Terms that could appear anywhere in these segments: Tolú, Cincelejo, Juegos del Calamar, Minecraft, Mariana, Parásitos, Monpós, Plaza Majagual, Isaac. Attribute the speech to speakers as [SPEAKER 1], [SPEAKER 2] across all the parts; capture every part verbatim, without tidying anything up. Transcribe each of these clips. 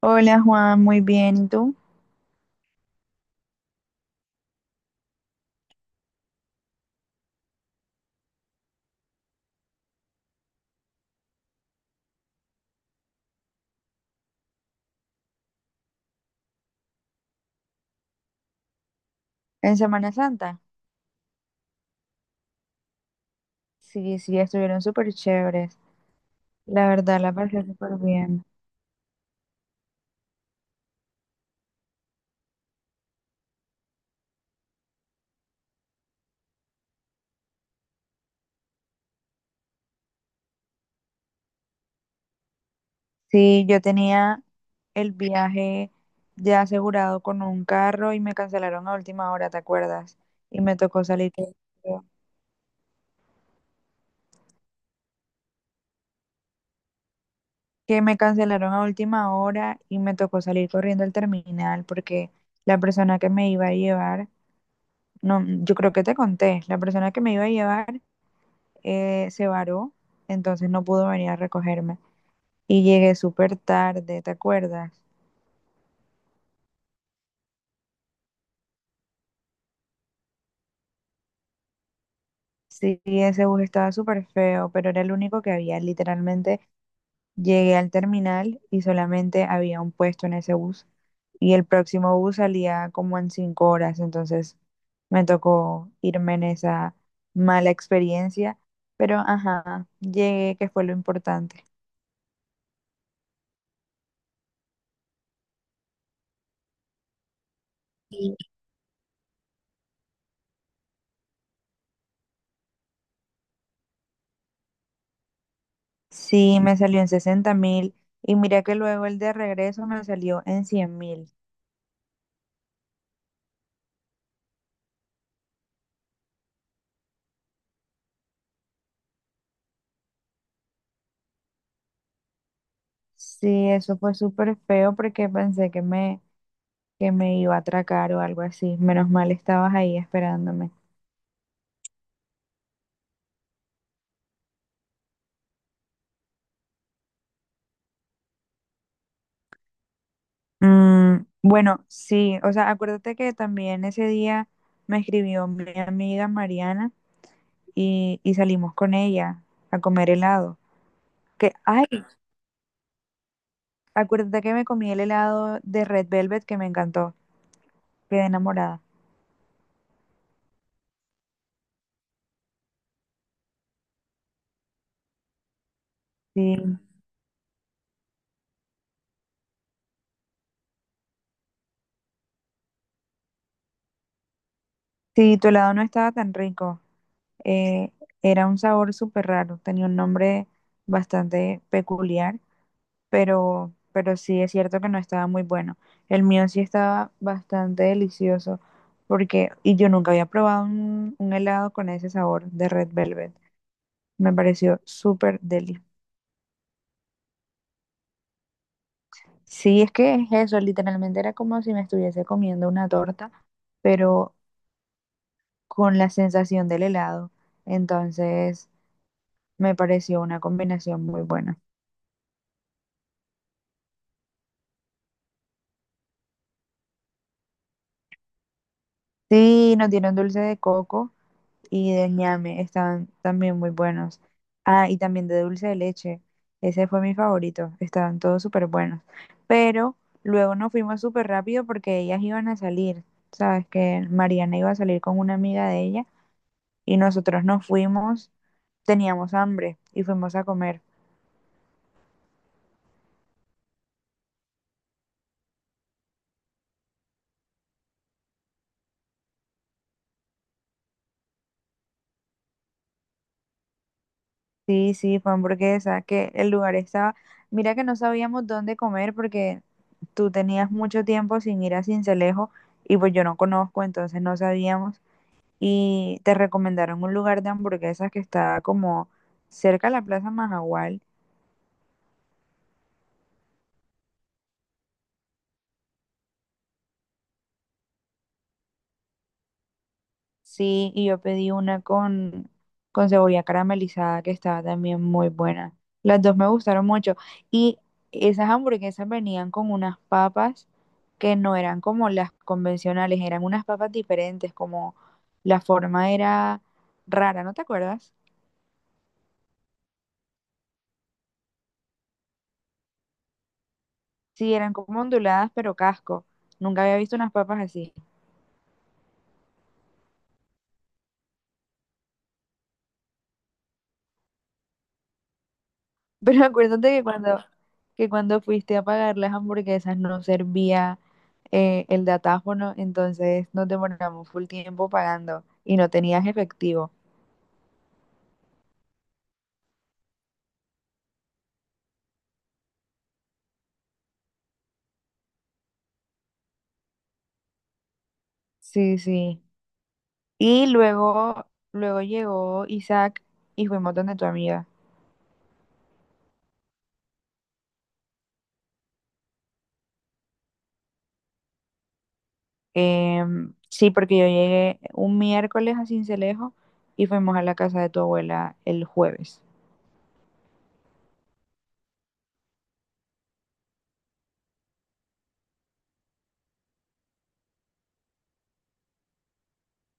[SPEAKER 1] Hola Juan, muy bien. ¿Y tú? ¿En Semana Santa? Sí, sí, estuvieron súper chéveres. La verdad, la pasé súper bien. Sí, yo tenía el viaje ya asegurado con un carro y me cancelaron a última hora, ¿te acuerdas? Y me tocó salir corriendo. Que me cancelaron a última hora y me tocó salir corriendo al terminal porque la persona que me iba a llevar, no, yo creo que te conté, la persona que me iba a llevar eh, se varó, entonces no pudo venir a recogerme. Y llegué súper tarde, ¿te acuerdas? Sí, ese bus estaba súper feo, pero era el único que había. Literalmente llegué al terminal y solamente había un puesto en ese bus. Y el próximo bus salía como en cinco horas, entonces me tocó irme en esa mala experiencia. Pero ajá, llegué, que fue lo importante. Sí. Sí, me salió en sesenta mil y mira que luego el de regreso me salió en cien mil. Sí, eso fue súper feo porque pensé que me, que me iba a atracar o algo así. Menos mal estabas ahí esperándome. Mm, bueno, sí, o sea, acuérdate que también ese día me escribió mi amiga Mariana y, y salimos con ella a comer helado. Que, ay, acuérdate que me comí el helado de Red Velvet que me encantó. Quedé enamorada. Sí, sí, tu helado no estaba tan rico. Eh, Era un sabor súper raro, tenía un nombre bastante peculiar, pero, pero sí es cierto que no estaba muy bueno. El mío sí estaba bastante delicioso, porque, y yo nunca había probado un, un helado con ese sabor de Red Velvet. Me pareció súper delicioso. Sí, es que es eso, literalmente era como si me estuviese comiendo una torta, pero con la sensación del helado. Entonces, me pareció una combinación muy buena. Sí, nos dieron dulce de coco y de ñame, estaban también muy buenos. Ah, y también de dulce de leche, ese fue mi favorito, estaban todos súper buenos. Pero luego nos fuimos súper rápido porque ellas iban a salir, sabes que Mariana iba a salir con una amiga de ella y nosotros nos fuimos, teníamos hambre y fuimos a comer. Sí, sí, fue hamburguesa, que el lugar estaba, mira que no sabíamos dónde comer porque tú tenías mucho tiempo sin ir a Cincelejo y pues yo no conozco, entonces no sabíamos y te recomendaron un lugar de hamburguesas que estaba como cerca de la Plaza Majagual. Sí, y yo pedí una con, con cebolla caramelizada que estaba también muy buena. Las dos me gustaron mucho. Y esas hamburguesas venían con unas papas que no eran como las convencionales, eran unas papas diferentes, como la forma era rara, ¿no te acuerdas? Sí, eran como onduladas, pero casco. Nunca había visto unas papas así. Pero acuérdate que cuando, que cuando fuiste a pagar las hamburguesas no servía eh, el datáfono, entonces nos demoramos full tiempo pagando y no tenías efectivo. Sí, sí. Y luego, luego llegó Isaac y fuimos donde tu amiga. Em, sí, porque yo llegué un miércoles a Cincelejo y fuimos a la casa de tu abuela el jueves.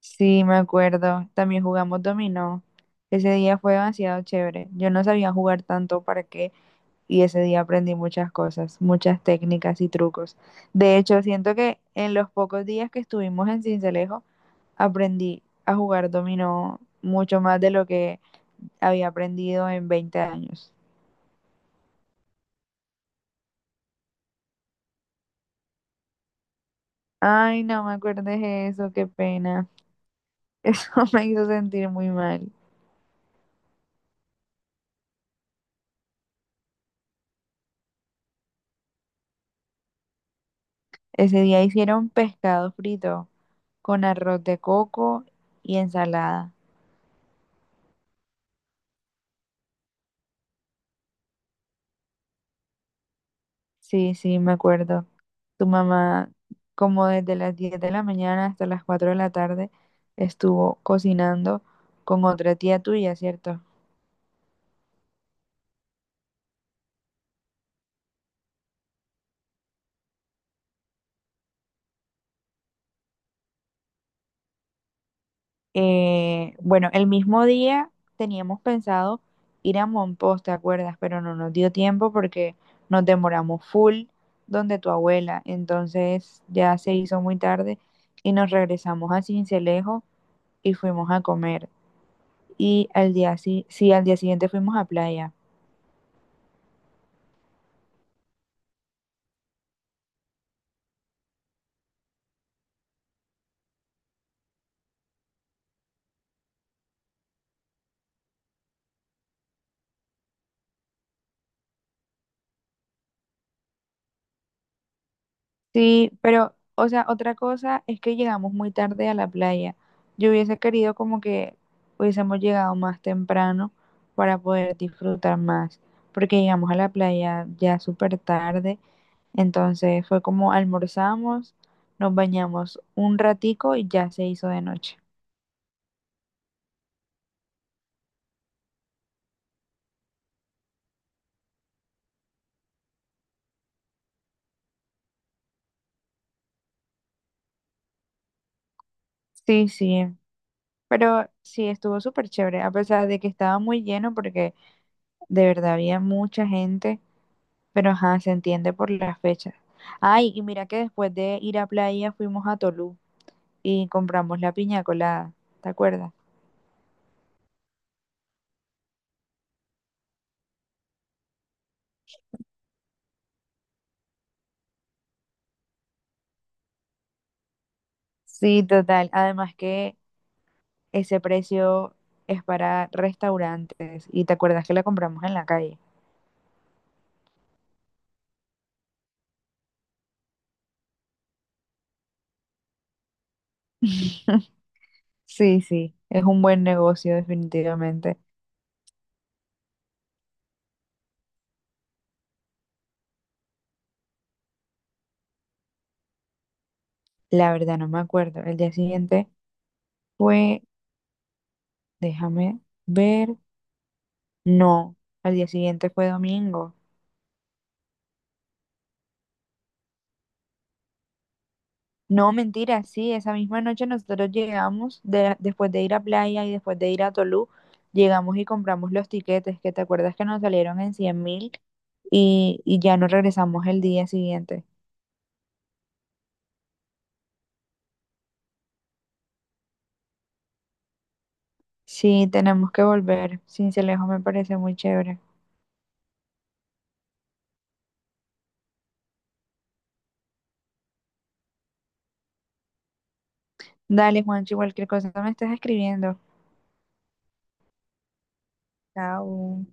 [SPEAKER 1] Sí, me acuerdo. También jugamos dominó. Ese día fue demasiado chévere. Yo no sabía jugar tanto para qué y ese día aprendí muchas cosas, muchas técnicas y trucos. De hecho, siento que en los pocos días que estuvimos en Cincelejo aprendí a jugar dominó mucho más de lo que había aprendido en veinte años. Ay, no me acuerdes eso, qué pena. Eso me hizo sentir muy mal. Ese día hicieron pescado frito con arroz de coco y ensalada. Sí, sí, me acuerdo. Tu mamá, como desde las diez de la mañana hasta las cuatro de la tarde, estuvo cocinando con otra tía tuya, ¿cierto? Eh, bueno, el mismo día teníamos pensado ir a Monpós, ¿te acuerdas? Pero no nos dio tiempo porque nos demoramos full donde tu abuela. Entonces ya se hizo muy tarde y nos regresamos a Cincelejo y fuimos a comer. Y al día, sí, sí, al día siguiente fuimos a playa. Sí, pero, o sea, otra cosa es que llegamos muy tarde a la playa. Yo hubiese querido como que hubiésemos llegado más temprano para poder disfrutar más, porque llegamos a la playa ya súper tarde, entonces fue como almorzamos, nos bañamos un ratico y ya se hizo de noche. Sí, sí, pero sí, estuvo súper chévere, a pesar de que estaba muy lleno porque de verdad había mucha gente. Pero ajá, se entiende por las fechas. Ay, y mira que después de ir a playa fuimos a Tolú y compramos la piña colada, ¿te acuerdas? Sí, total. Además que ese precio es para restaurantes y te acuerdas que la compramos en la calle. Sí, sí, es un buen negocio definitivamente. La verdad no me acuerdo. El día siguiente fue, déjame ver, no, el día siguiente fue domingo. No, mentira, sí, esa misma noche nosotros llegamos, de- después de ir a Playa y después de ir a Tolú, llegamos y compramos los tiquetes, que te acuerdas que nos salieron en cien mil y, y ya nos regresamos el día siguiente. Sí, tenemos que volver, Sincelejo me parece muy chévere. Dale, Juancho, cualquier cosa me estás escribiendo. Chao.